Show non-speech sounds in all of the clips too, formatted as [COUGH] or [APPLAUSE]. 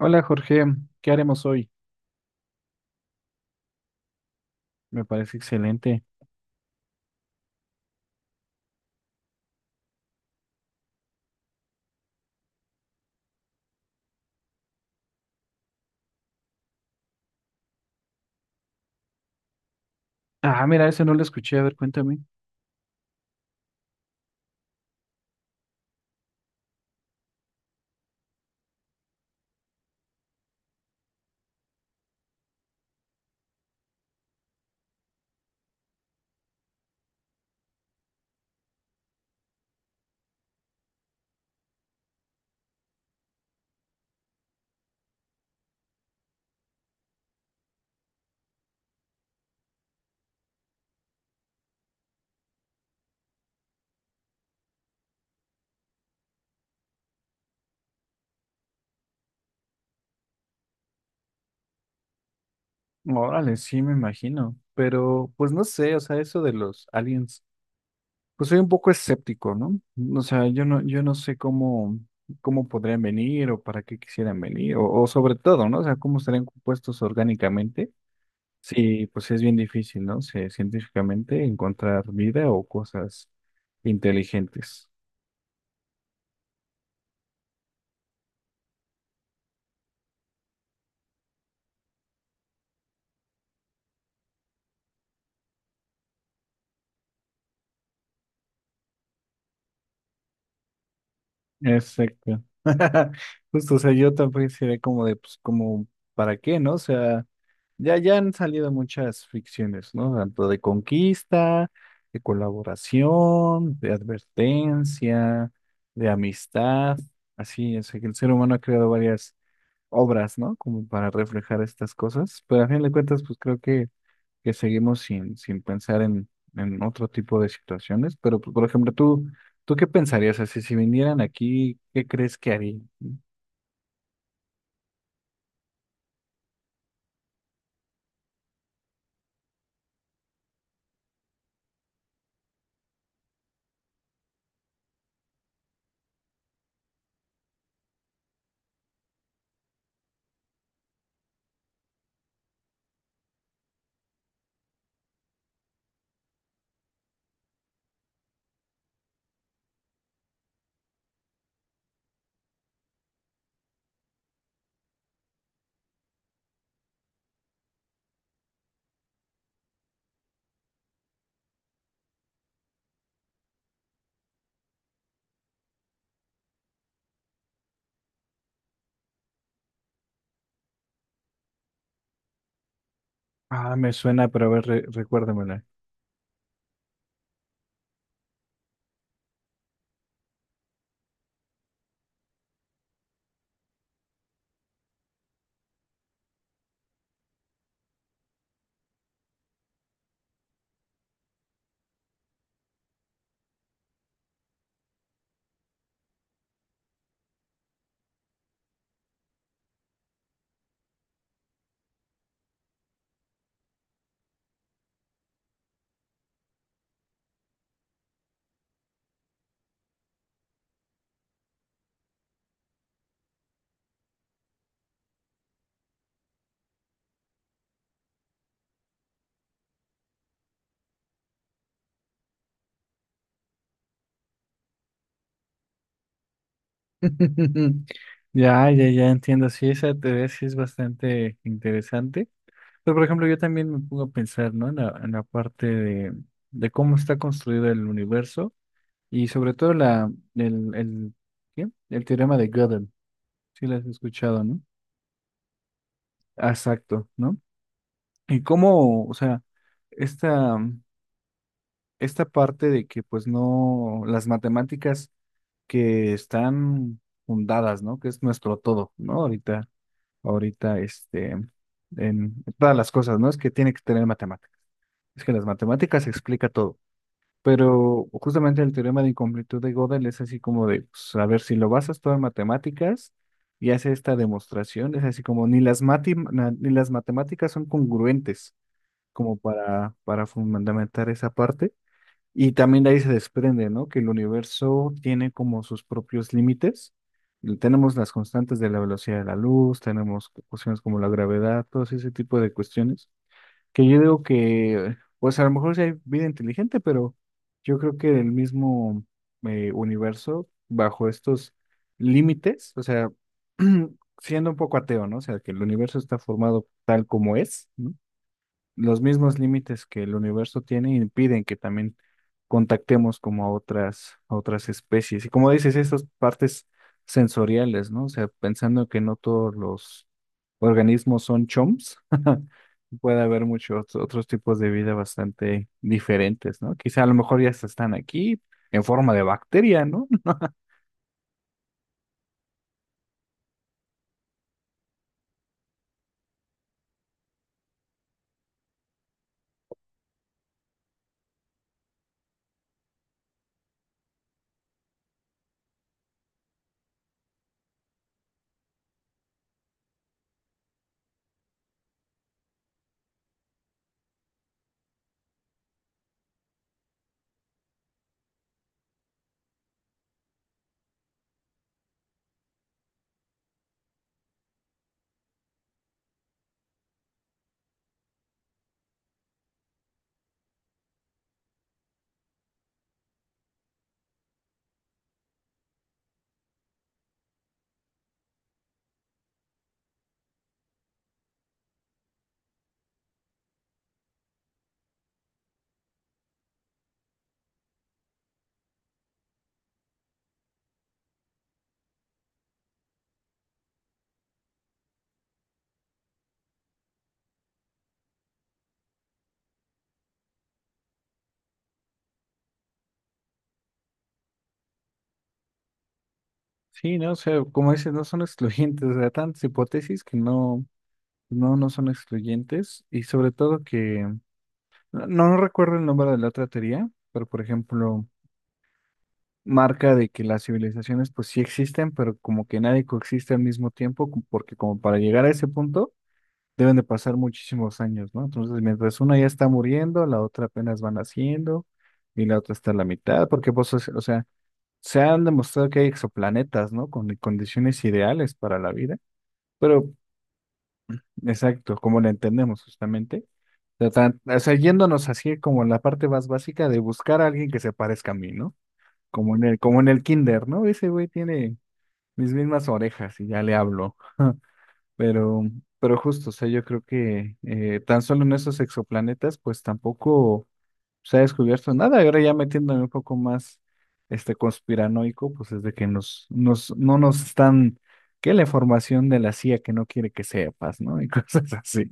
Hola Jorge, ¿qué haremos hoy? Me parece excelente. Ah, mira, ese no lo escuché, a ver, cuéntame. Órale, sí, me imagino, pero pues no sé, o sea, eso de los aliens, pues soy un poco escéptico, ¿no? O sea, yo no sé cómo, cómo podrían venir o para qué quisieran venir, o sobre todo, ¿no? O sea, cómo estarían compuestos orgánicamente. Sí, pues es bien difícil, ¿no? Sí, científicamente encontrar vida o cosas inteligentes. Exacto. [LAUGHS] Justo, o sea, yo también sería como de, pues, como, ¿para qué, no? O sea, ya han salido muchas ficciones, ¿no? Tanto de conquista, de colaboración, de advertencia, de amistad, así, o sea, que el ser humano ha creado varias obras, ¿no? Como para reflejar estas cosas, pero a fin de cuentas, pues creo que seguimos sin pensar en otro tipo de situaciones. Pero, pues, por ejemplo, tú, ¿tú qué pensarías? Así, si vinieran aquí, ¿qué crees que harían? Ah, me suena, pero a ver, recuérdamela. [LAUGHS] Ya, ya, ya entiendo. Sí, esa teoría sí es bastante interesante. Pero, por ejemplo, yo también me pongo a pensar, ¿no? En la parte de cómo está construido el universo y sobre todo la, el, el, ¿qué? El teorema de Gödel. Sí, lo has escuchado, ¿no? Ah, exacto, ¿no? Y cómo, o sea, esta, esta parte de que pues no, las matemáticas que están fundadas, ¿no? Que es nuestro todo, ¿no? Ahorita, este, en todas las cosas, ¿no? Es que tiene que tener matemáticas. Es que las matemáticas explica todo. Pero justamente el teorema de incompletud de Gödel es así como de, pues, a ver, si lo basas todo en matemáticas y hace esta demostración, es así como ni ni las matemáticas son congruentes como para fundamentar esa parte. Y también de ahí se desprende, ¿no? Que el universo tiene como sus propios límites. Y tenemos las constantes de la velocidad de la luz, tenemos cuestiones como la gravedad, todo ese tipo de cuestiones. Que yo digo que, pues a lo mejor sí hay vida inteligente, pero yo creo que el mismo universo, bajo estos límites, o sea, [CLEARS THROAT] siendo un poco ateo, ¿no? O sea, que el universo está formado tal como es, ¿no? Los mismos límites que el universo tiene impiden que también contactemos como a otras especies. Y como dices, esas partes sensoriales, ¿no? O sea, pensando que no todos los organismos son chomps, [LAUGHS] puede haber muchos otros tipos de vida bastante diferentes, ¿no? Quizá a lo mejor ya hasta están aquí en forma de bacteria, ¿no? [LAUGHS] Sí, ¿no? O sea, como dices, no son excluyentes, o sea, tantas hipótesis que no son excluyentes y sobre todo que no recuerdo el nombre de la otra teoría, pero por ejemplo, marca de que las civilizaciones pues sí existen, pero como que nadie coexiste al mismo tiempo, porque como para llegar a ese punto deben de pasar muchísimos años, ¿no? Entonces, mientras una ya está muriendo, la otra apenas van haciendo y la otra está a la mitad, porque pues, o sea, se han demostrado que hay exoplanetas, ¿no? Con condiciones ideales para la vida, pero exacto, como la entendemos justamente. O sea, yéndonos así como en la parte más básica de buscar a alguien que se parezca a mí, ¿no? Como en el kinder, ¿no? Ese güey tiene mis mismas orejas y ya le hablo. Pero, pero justo, o sea, yo creo que tan solo en esos exoplanetas, pues tampoco se ha descubierto nada. Y ahora ya metiéndome un poco más este conspiranoico, pues es de que no nos están, que la información de la CIA que no quiere que sepas, ¿no? Y [LAUGHS] cosas así.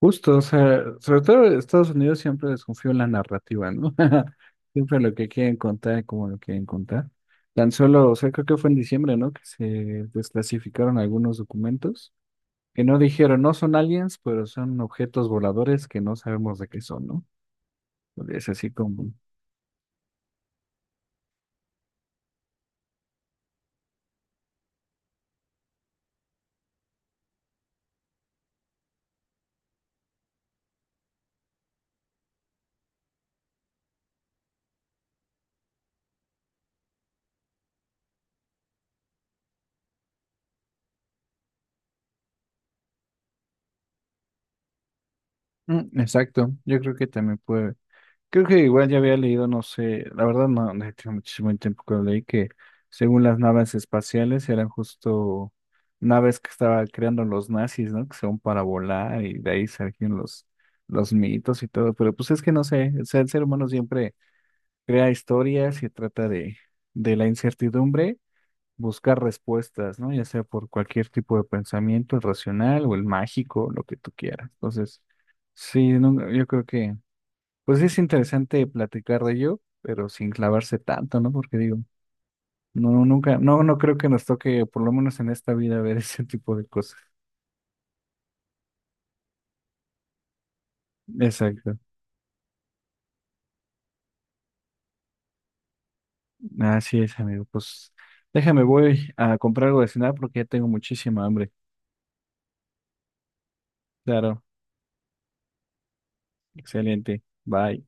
Justo, o sea, sobre todo Estados Unidos siempre desconfío en la narrativa, ¿no? [LAUGHS] Siempre lo que quieren contar, como lo quieren contar. Tan solo, o sea, creo que fue en diciembre, ¿no? Que se desclasificaron algunos documentos que no dijeron, no son aliens, pero son objetos voladores que no sabemos de qué son, ¿no? Es así como... Mm, exacto, yo creo que también creo que igual ya había leído, no sé, la verdad no, no tiene muchísimo tiempo que lo leí, que según las naves espaciales eran justo naves que estaban creando los nazis, ¿no? Que son para volar y de ahí surgieron los mitos y todo, pero pues es que no sé, o sea, el ser humano siempre crea historias y trata de la incertidumbre buscar respuestas, ¿no? Ya sea por cualquier tipo de pensamiento, el racional o el mágico, lo que tú quieras. Entonces, sí, no, yo creo que... Pues sí es interesante platicar de ello, pero sin clavarse tanto, ¿no? Porque digo, no, nunca, no, no creo que nos toque, por lo menos en esta vida, ver [LAUGHS] ese tipo de cosas. Exacto. Así es, amigo. Pues déjame, voy a comprar algo de cenar porque ya tengo muchísima hambre. Claro, excelente. Bye.